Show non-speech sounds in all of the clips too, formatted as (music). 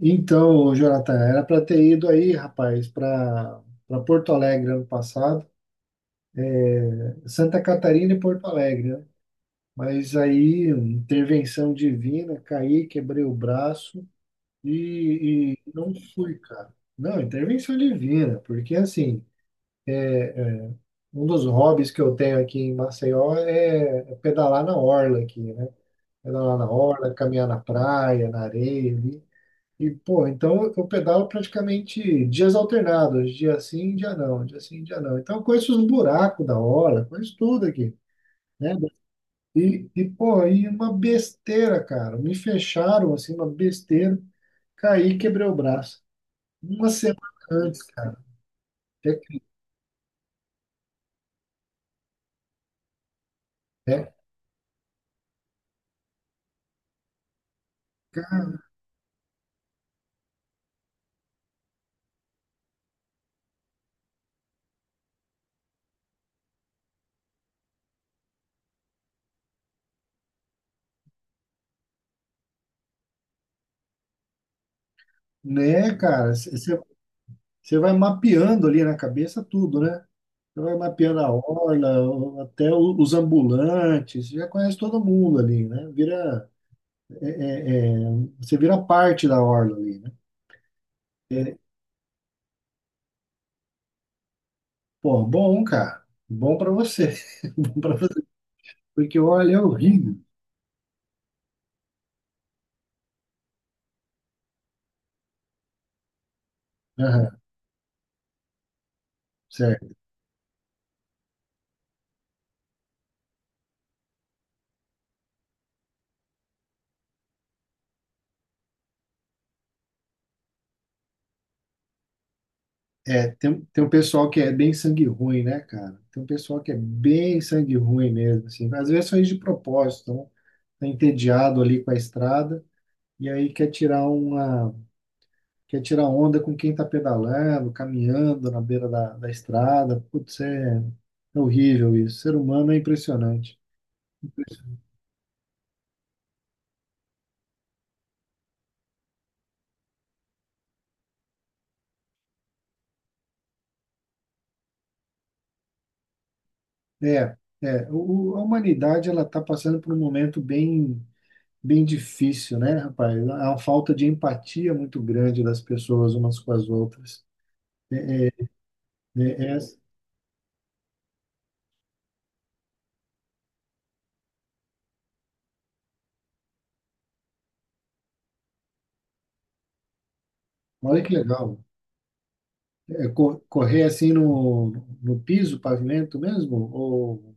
Então, Jonathan, era para ter ido aí, rapaz, para Porto Alegre ano passado, Santa Catarina e Porto Alegre, né? Mas aí, intervenção divina, caí, quebrei o braço e não fui, cara. Não, intervenção divina, porque assim, um dos hobbies que eu tenho aqui em Maceió é pedalar na orla aqui, né? Pedalar na orla, caminhar na praia, na areia, ali. E, pô, então eu pedalo praticamente dias alternados, dia sim, dia não, dia sim, dia não. Então eu conheço os buracos da hora, conheço tudo aqui, né? E pô, e uma besteira, cara. Me fecharam, assim, uma besteira, caí e quebrei o braço. Uma semana antes, cara. É, é, ca- né, cara? Você vai mapeando ali na cabeça tudo, né? Você vai mapeando a orla, os ambulantes, você já conhece todo mundo ali, né? Vira. Você vira parte da orla ali, né? É, pô, bom, cara. Bom pra você. (laughs) Bom pra você. Porque olha, é horrível. Aham, certo. É, tem um pessoal que é bem sangue ruim, né, cara? Tem um pessoal que é bem sangue ruim mesmo, assim. Às vezes faz de propósito, né? Tá entediado ali com a estrada e aí quer tirar uma, quer tirar onda com quem tá pedalando, caminhando na beira da estrada. Putz, é horrível isso. O ser humano é impressionante. É, a humanidade ela está passando por um momento bem, bem difícil, né, rapaz? Há uma falta de empatia muito grande das pessoas umas com as outras. Né? É, olha que legal. É, correr assim no piso, pavimento mesmo? Ou.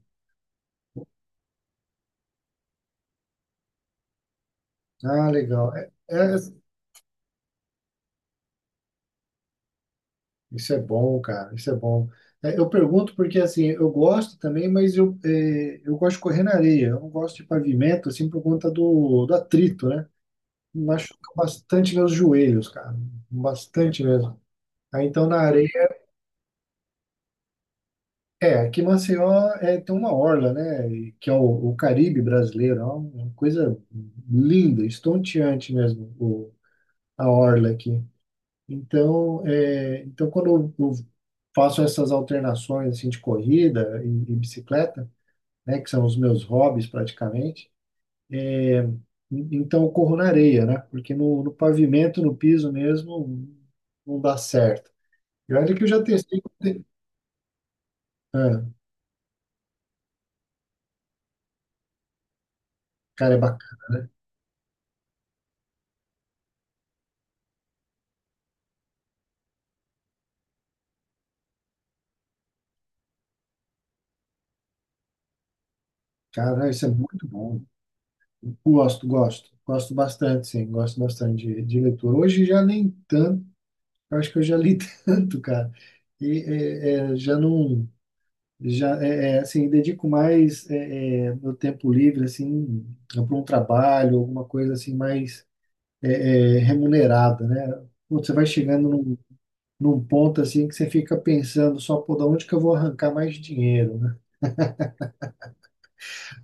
Ah, legal. Isso é bom, cara. Isso é bom. É, eu pergunto porque assim, eu gosto também, mas eu gosto de correr na areia. Eu não gosto de pavimento assim por conta do atrito, né? Machuca bastante meus joelhos, cara. Bastante mesmo. Aí então na areia. É, aqui em Maceió tem uma orla, né? Que é o Caribe brasileiro. É uma coisa linda, estonteante mesmo, a orla aqui. Então, então quando eu faço essas alternações assim, de corrida e bicicleta, né? Que são os meus hobbies praticamente. é, Então eu corro na areia, né? Porque no pavimento, no piso mesmo, não dá certo. E olha que eu já testei. Ah, cara, é bacana. Cara, isso é muito bom. Gosto, gosto. Gosto bastante, sim. Gosto bastante de leitura. Hoje já nem tanto. Eu acho que eu já li (laughs) tanto, cara. E já não. Já, assim, dedico mais meu tempo livre, assim, para um trabalho, alguma coisa assim mais remunerada, né? Putz, você vai chegando num ponto, assim, que você fica pensando só, pô, da onde que eu vou arrancar mais dinheiro, né?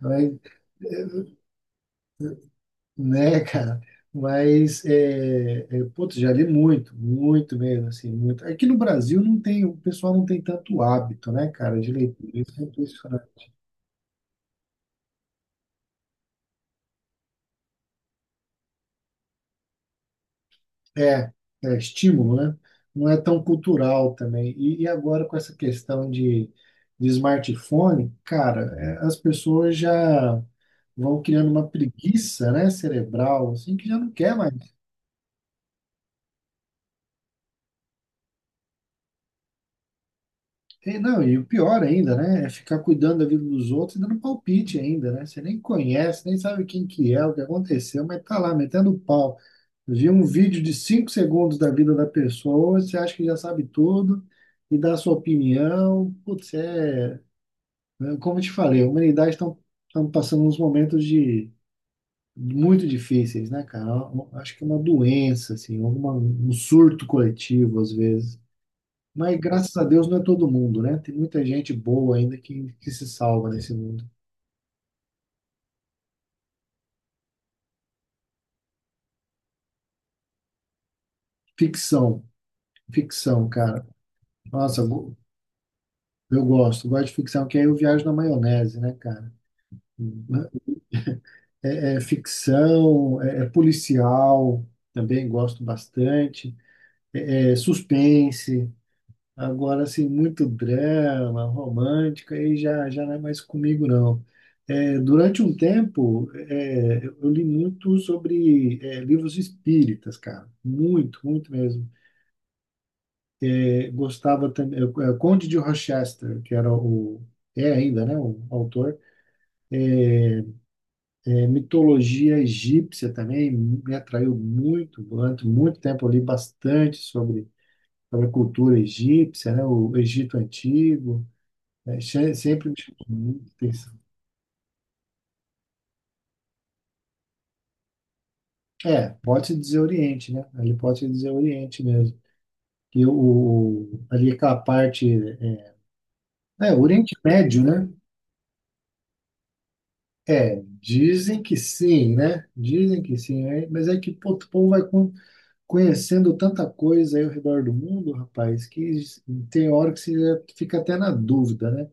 Mas né, cara? Mas, putz, já li muito, muito mesmo, assim, muito. Aqui no Brasil não tem, o pessoal não tem tanto hábito, né, cara, de leitura. Isso é impressionante. É, é estímulo, né? Não é tão cultural também. E agora com essa questão de smartphone, cara, as pessoas já vão criando uma preguiça, né, cerebral, assim, que já não quer mais. E, não, e o pior ainda, né? É ficar cuidando da vida dos outros e dando palpite ainda, né? Você nem conhece, nem sabe quem que é, o que aconteceu, mas tá lá metendo pau. Viu um vídeo de 5 segundos da vida da pessoa, você acha que já sabe tudo e dá a sua opinião. Putz, é. Né? Como eu te falei, a humanidade estão passando uns momentos de muito difíceis, né, cara? Eu acho que é uma doença, assim, alguma, um surto coletivo, às vezes. Mas graças a Deus não é todo mundo, né? Tem muita gente boa ainda que se salva nesse mundo. Ficção, ficção, cara. Nossa, eu gosto, gosto de ficção, que aí eu viajo na maionese, né, cara? É, é ficção. É, policial, também gosto bastante. É, é suspense. Agora, assim, muito drama, romântica, aí já não é mais comigo, não. É, durante um tempo, eu li muito sobre livros espíritas, cara. Muito, muito mesmo. É, gostava também. Conde de Rochester, que era o. É ainda, né? O autor. É, mitologia egípcia também me atraiu muito. Durante muito tempo, eu li bastante sobre a cultura egípcia, né? O Egito Antigo. É, sempre me chamou muito atenção. É, pode-se dizer Oriente, né? Ali pode-se dizer Oriente mesmo. Que ali aquela parte. Oriente Médio, né? É, dizem que sim, né? Dizem que sim, né? Mas é que pô, o povo vai conhecendo tanta coisa aí ao redor do mundo, rapaz, que tem hora que você já fica até na dúvida, né?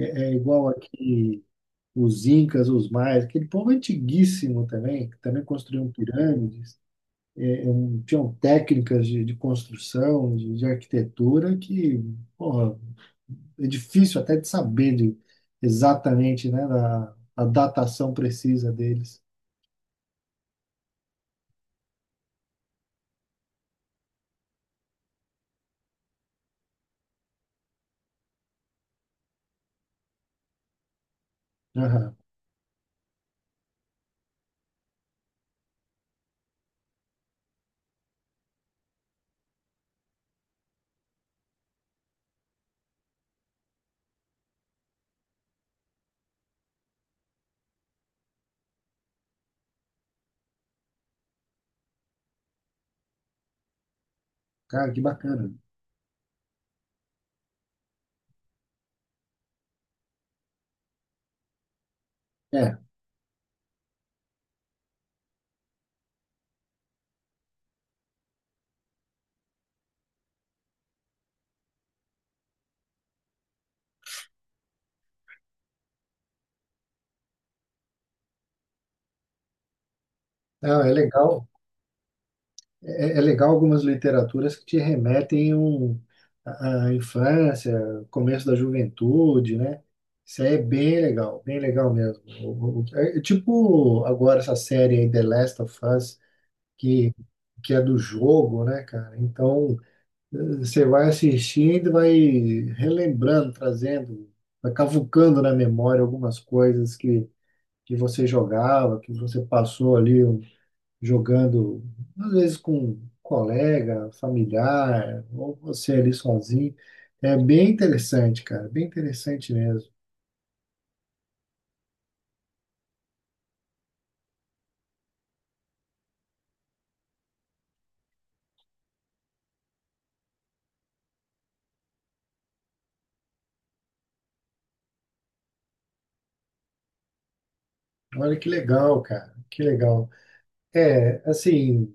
É igual aqui os Incas, os Maias, aquele povo antiguíssimo também, que também construíam pirâmides. Tinham técnicas de construção, de arquitetura, que, porra, é difícil até de saber de, exatamente, né, a datação precisa deles. Aham. Cara, que bacana. É, não, é legal. É, é legal algumas literaturas que te remetem à infância, começo da juventude, né? Isso aí é bem legal mesmo. É tipo agora essa série aí, The Last of Us, que, que é do jogo, né, cara? Então, você vai assistindo e vai relembrando, trazendo, vai cavucando na memória algumas coisas que você jogava, que você passou ali jogando, às vezes com um colega, familiar, ou você ali sozinho. É bem interessante, cara, bem interessante mesmo. Olha que legal, cara, que legal. É, assim.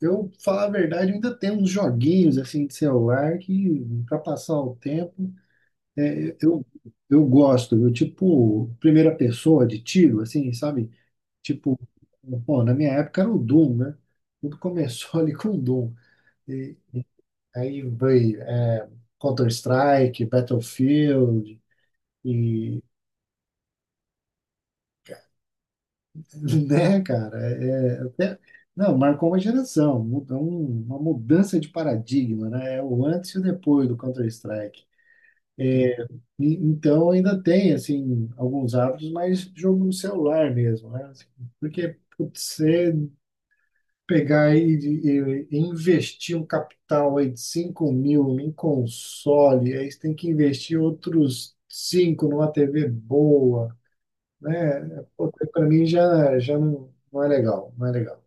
Eu, falar a verdade, eu ainda tenho uns joguinhos assim de celular que, para passar o tempo, é, eu, eu gosto. Eu, tipo, primeira pessoa de tiro, assim, sabe? Tipo, pô, na minha época era o Doom, né? Tudo começou (laughs) ali com o Doom. E aí veio Counter-Strike, Battlefield, e (laughs) Né, cara? É, não, marcou uma geração, uma mudança de paradigma, né? É o antes e o depois do Counter-Strike. Então ainda tem, assim, alguns hábitos, mas jogo no celular mesmo, né? Assim, porque putz, você pegar e investir um capital aí de 5.000 em console, aí você tem que investir outros 5 numa TV boa, né? Para mim já não, não é legal, não é legal.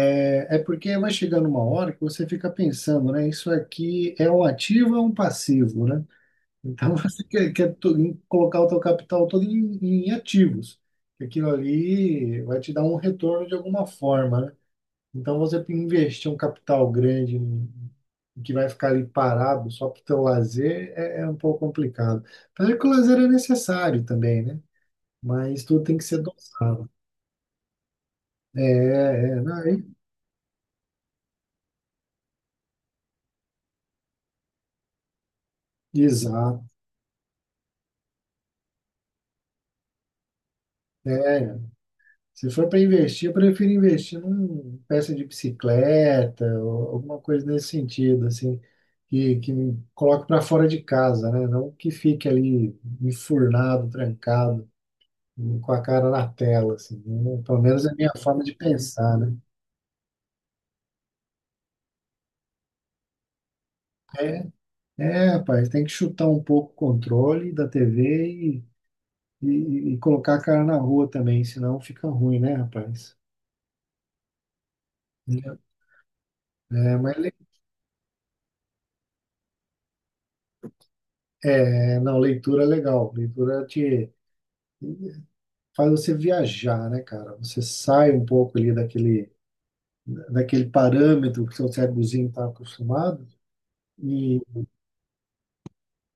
É porque vai chegando uma hora que você fica pensando, né? Isso aqui é um ativo ou é um passivo, né? Então (laughs) você quer colocar o teu capital todo em ativos. Aquilo ali vai te dar um retorno de alguma forma, né? Então você investir um capital grande que vai ficar ali parado só para o teu lazer é um pouco complicado. Apesar que o lazer é necessário também, né? Mas tudo tem que ser dosado. Não, exato. É, Se for para investir, eu prefiro investir numa peça de bicicleta ou alguma coisa nesse sentido, assim, que me coloque para fora de casa, né? Não que fique ali enfurnado, trancado, com a cara na tela, assim. Né? Pelo menos é a minha forma de pensar, né? É, rapaz, tem que chutar um pouco o controle da TV e colocar a cara na rua também, senão fica ruim, né, rapaz? É, mas não, leitura é legal. Leitura faz você viajar, né, cara? Você sai um pouco ali daquele, parâmetro que seu cérebrozinho está acostumado. E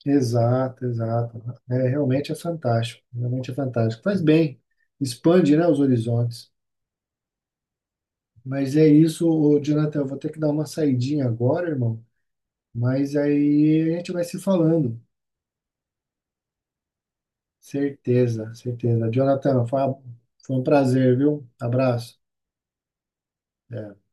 exato, exato. É, realmente é fantástico, realmente é fantástico. Faz bem, expande, né, os horizontes. Mas é isso, ô, Jonathan, eu vou ter que dar uma saidinha agora, irmão. Mas aí a gente vai se falando. Certeza, certeza. Jonathan, foi um prazer, viu? Abraço. É.